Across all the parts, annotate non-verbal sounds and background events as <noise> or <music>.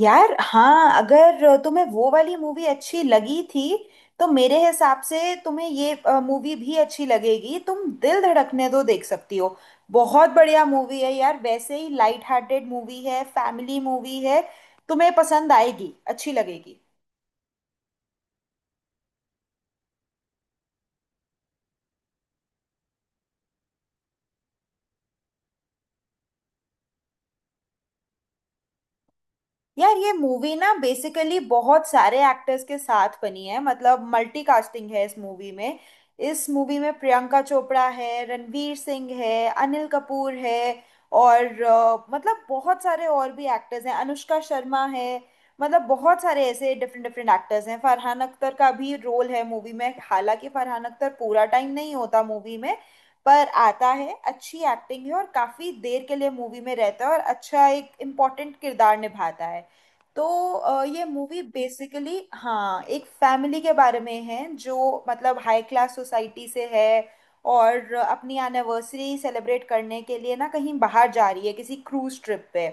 यार हाँ, अगर तुम्हें वो वाली मूवी अच्छी लगी थी, तो मेरे हिसाब से तुम्हें ये मूवी भी अच्छी लगेगी। तुम दिल धड़कने दो देख सकती हो। बहुत बढ़िया मूवी है यार। वैसे ही लाइट हार्टेड मूवी है, फैमिली मूवी है। तुम्हें पसंद आएगी, अच्छी लगेगी। यार ये मूवी ना बेसिकली बहुत सारे एक्टर्स के साथ बनी है। मतलब मल्टी कास्टिंग है इस मूवी में। इस मूवी में प्रियंका चोपड़ा है, रणवीर सिंह है, अनिल कपूर है, और मतलब बहुत सारे और भी एक्टर्स हैं, अनुष्का शर्मा है। मतलब बहुत सारे ऐसे डिफरेंट डिफरेंट एक्टर्स हैं। फरहान अख्तर का भी रोल है मूवी में, हालांकि फरहान अख्तर पूरा टाइम नहीं होता मूवी में, पर आता है, अच्छी एक्टिंग है, और काफी देर के लिए मूवी में रहता है और अच्छा एक इम्पोर्टेंट किरदार निभाता है। तो ये मूवी बेसिकली हाँ एक फैमिली के बारे में है, जो मतलब हाई क्लास सोसाइटी से है और अपनी एनिवर्सरी सेलिब्रेट करने के लिए ना कहीं बाहर जा रही है, किसी क्रूज ट्रिप पे।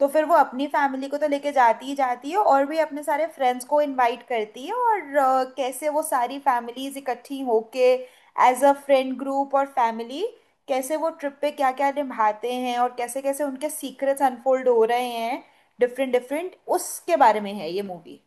तो फिर वो अपनी फैमिली को तो लेके जाती ही जाती है, और भी अपने सारे फ्रेंड्स को इनवाइट करती है, और कैसे वो सारी फैमिलीज इकट्ठी होके, एज अ फ्रेंड ग्रुप और फैमिली, कैसे वो ट्रिप पे क्या क्या निभाते हैं, और कैसे कैसे उनके सीक्रेट्स अनफोल्ड हो रहे हैं, डिफरेंट डिफरेंट, उसके बारे में है ये मूवी।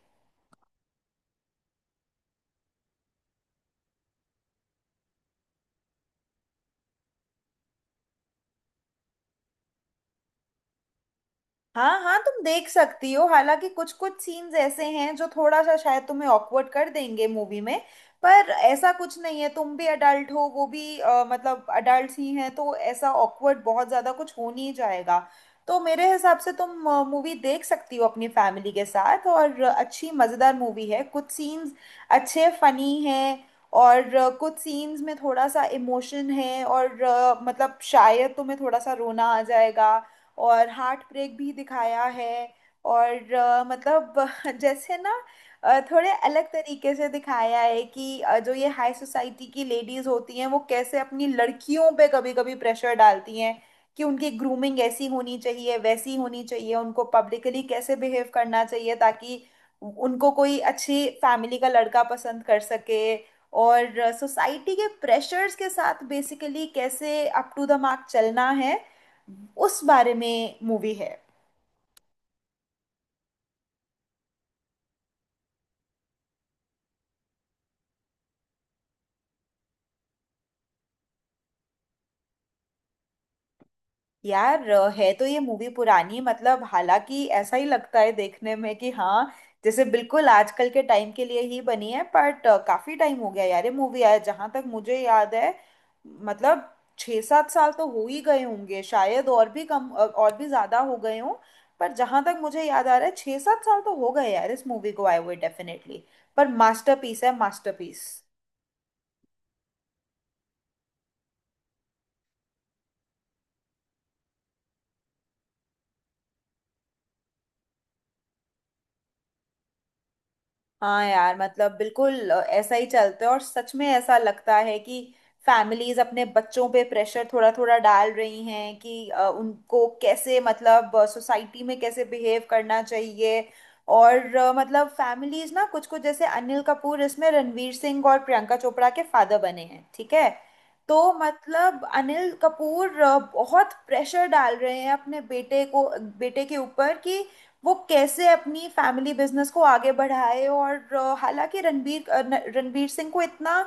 हाँ हाँ, तुम देख सकती हो। हालांकि कुछ कुछ सीन्स ऐसे हैं जो थोड़ा सा शायद तुम्हें ऑकवर्ड कर देंगे मूवी में। पर ऐसा कुछ नहीं है, तुम भी अडल्ट हो, वो भी मतलब अडल्ट ही हैं, तो ऐसा ऑकवर्ड बहुत ज़्यादा कुछ हो नहीं जाएगा। तो मेरे हिसाब से तुम मूवी देख सकती हो अपनी फैमिली के साथ। और अच्छी मज़ेदार मूवी है, कुछ सीन्स अच्छे फनी हैं, और कुछ सीन्स में थोड़ा सा इमोशन है, और मतलब शायद तुम्हें थोड़ा सा रोना आ जाएगा, और हार्ट ब्रेक भी दिखाया है। और मतलब <laughs> जैसे ना थोड़े अलग तरीके से दिखाया है कि जो ये हाई सोसाइटी की लेडीज होती हैं, वो कैसे अपनी लड़कियों पे कभी कभी प्रेशर डालती हैं कि उनकी ग्रूमिंग ऐसी होनी चाहिए, वैसी होनी चाहिए, उनको पब्लिकली कैसे बिहेव करना चाहिए, ताकि उनको कोई अच्छी फैमिली का लड़का पसंद कर सके, और सोसाइटी के प्रेशर्स के साथ बेसिकली कैसे अप टू द मार्क चलना है। उस बारे में मूवी है। यार, है तो ये मूवी पुरानी, मतलब हालांकि ऐसा ही लगता है देखने में कि हाँ, जैसे बिल्कुल आजकल के टाइम के लिए ही बनी है, बट काफी टाइम हो गया यार ये मूवी आया, जहाँ तक मुझे याद है। मतलब छः सात साल तो हो ही गए होंगे, शायद और भी कम, और भी ज्यादा हो गए हों। पर जहाँ तक मुझे याद आ रहा है, छः सात साल तो हो गए यार इस मूवी को आए हुए डेफिनेटली। पर मास्टरपीस है, मास्टरपीस। हाँ यार, मतलब बिल्कुल ऐसा ही चलता है, और सच में ऐसा लगता है कि फैमिलीज अपने बच्चों पे प्रेशर थोड़ा थोड़ा डाल रही हैं कि उनको कैसे, मतलब सोसाइटी में कैसे बिहेव करना चाहिए। और मतलब फैमिलीज ना कुछ कुछ, जैसे अनिल कपूर इसमें रणवीर सिंह और प्रियंका चोपड़ा के फादर बने हैं, ठीक है। तो मतलब अनिल कपूर बहुत प्रेशर डाल रहे हैं अपने बेटे को, बेटे के ऊपर, कि वो कैसे अपनी फैमिली बिजनेस को आगे बढ़ाए। और हालांकि रणबीर रणबीर सिंह को इतना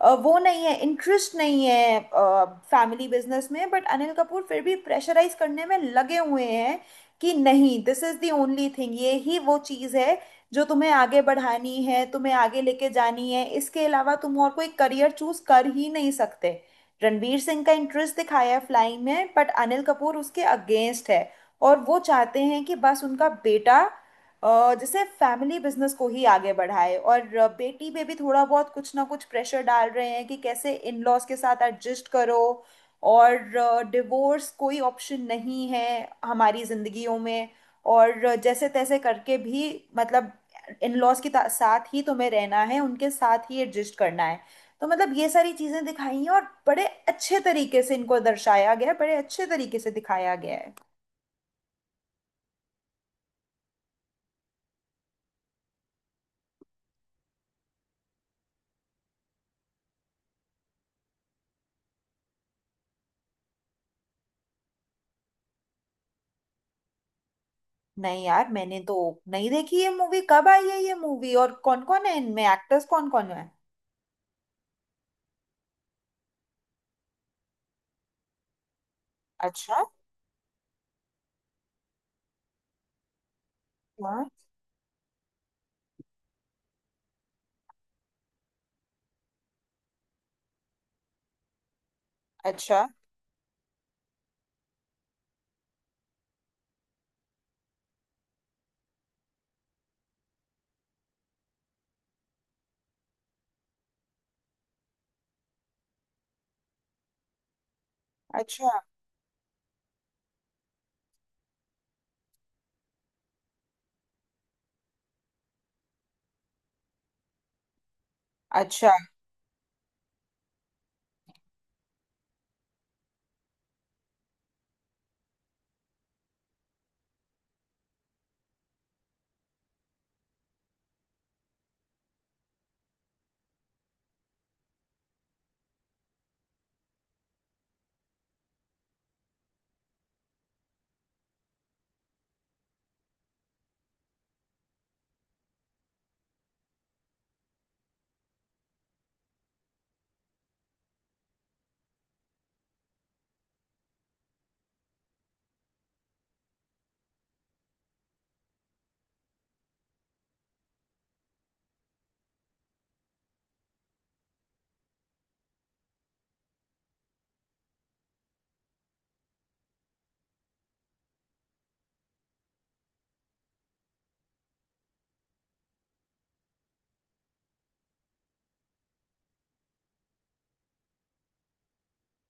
वो नहीं है, इंटरेस्ट नहीं है फैमिली बिजनेस में, बट अनिल कपूर फिर भी प्रेशराइज करने में लगे हुए हैं कि नहीं, this is the only thing, ये ही वो चीज़ है जो तुम्हें आगे बढ़ानी है, तुम्हें आगे लेके जानी है, इसके अलावा तुम और कोई करियर चूज कर ही नहीं सकते। रणबीर सिंह का इंटरेस्ट दिखाया है फ्लाइंग में, बट अनिल कपूर उसके अगेंस्ट है, और वो चाहते हैं कि बस उनका बेटा जैसे फैमिली बिजनेस को ही आगे बढ़ाए। और बेटी पे भी थोड़ा बहुत कुछ ना कुछ प्रेशर डाल रहे हैं कि कैसे इन लॉज के साथ एडजस्ट करो, और डिवोर्स कोई ऑप्शन नहीं है हमारी जिंदगियों में, और जैसे तैसे करके भी मतलब इन लॉज के साथ ही तुम्हें रहना है, उनके साथ ही एडजस्ट करना है। तो मतलब ये सारी चीजें दिखाई हैं, और बड़े अच्छे तरीके से इनको दर्शाया गया है, बड़े अच्छे तरीके से दिखाया गया है। नहीं यार, मैंने तो नहीं देखी ये मूवी। कब आई है ये मूवी, और कौन कौन है इनमें एक्टर्स, कौन कौन है? अच्छा। हाँ। अच्छा, अच्छा, अच्छा।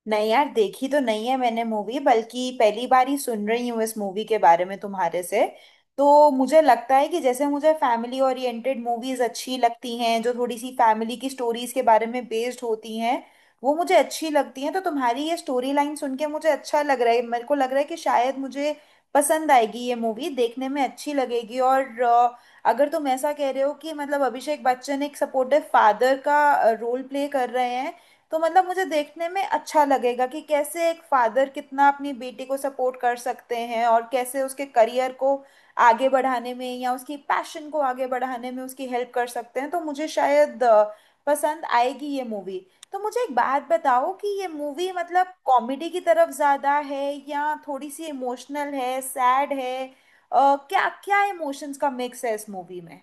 नहीं यार, देखी तो नहीं है मैंने मूवी, बल्कि पहली बार ही सुन रही हूँ इस मूवी के बारे में तुम्हारे से। तो मुझे लगता है कि जैसे मुझे फैमिली ओरिएंटेड मूवीज अच्छी लगती हैं, जो थोड़ी सी फैमिली की स्टोरीज के बारे में बेस्ड होती हैं, वो मुझे अच्छी लगती हैं। तो तुम्हारी ये स्टोरी लाइन सुन के मुझे अच्छा लग रहा है, मेरे को लग रहा है कि शायद मुझे पसंद आएगी ये मूवी, देखने में अच्छी लगेगी। और अगर तुम ऐसा कह रहे हो कि मतलब अभिषेक बच्चन एक सपोर्टिव फादर का रोल प्ले कर रहे हैं, तो मतलब मुझे देखने में अच्छा लगेगा कि कैसे एक फादर कितना अपनी बेटी को सपोर्ट कर सकते हैं, और कैसे उसके करियर को आगे बढ़ाने में या उसकी पैशन को आगे बढ़ाने में उसकी हेल्प कर सकते हैं। तो मुझे शायद पसंद आएगी ये मूवी। तो मुझे एक बात बताओ कि ये मूवी मतलब कॉमेडी की तरफ ज़्यादा है, या थोड़ी सी इमोशनल है, सैड है? क्या क्या इमोशंस का मिक्स है इस मूवी में?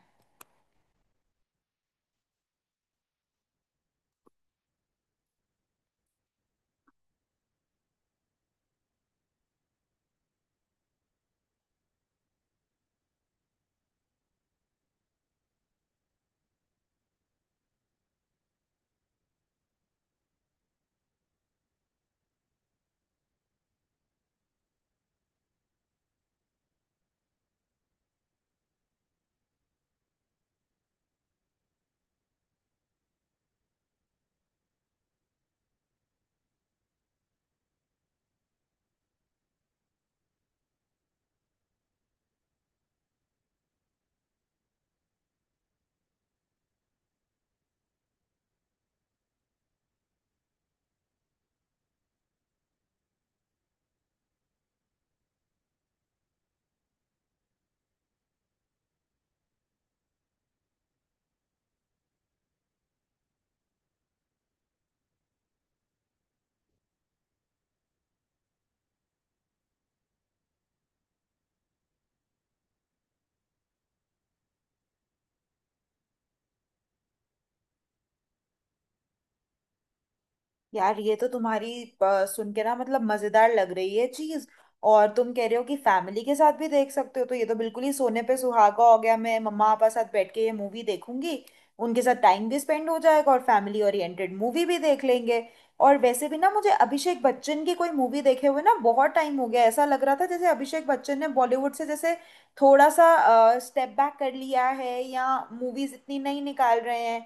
यार ये तो तुम्हारी सुन के ना मतलब मजेदार लग रही है चीज। और तुम कह रहे हो कि फैमिली के साथ भी देख सकते हो, तो ये तो बिल्कुल ही सोने पे सुहागा हो गया। मैं मम्मा पापा साथ बैठ के ये मूवी देखूंगी, उनके साथ टाइम भी स्पेंड हो जाएगा और फैमिली ओरिएंटेड मूवी भी देख लेंगे। और वैसे भी ना मुझे अभिषेक बच्चन की कोई मूवी देखे हुए ना बहुत टाइम हो गया। ऐसा लग रहा था जैसे अभिषेक बच्चन ने बॉलीवुड से जैसे थोड़ा सा स्टेप बैक कर लिया है, या मूवीज इतनी नहीं निकाल रहे हैं।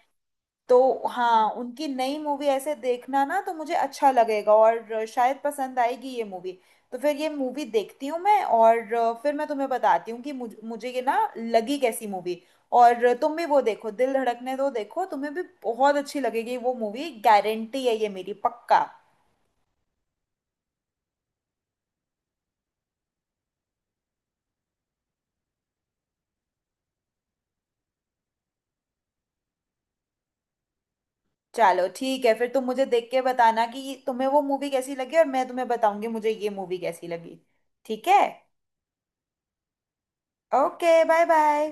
तो हाँ, उनकी नई मूवी ऐसे देखना ना तो मुझे अच्छा लगेगा, और शायद पसंद आएगी ये मूवी। तो फिर ये मूवी देखती हूँ मैं, और फिर मैं तुम्हें बताती हूँ कि मुझे ये ना लगी कैसी मूवी। और तुम भी वो देखो, दिल धड़कने दो देखो, तुम्हें भी बहुत अच्छी लगेगी वो मूवी, गारंटी है ये मेरी, पक्का। चलो ठीक है फिर, तुम मुझे देख के बताना कि तुम्हें वो मूवी कैसी लगी, और मैं तुम्हें बताऊंगी मुझे ये मूवी कैसी लगी। ठीक है। Okay, bye bye.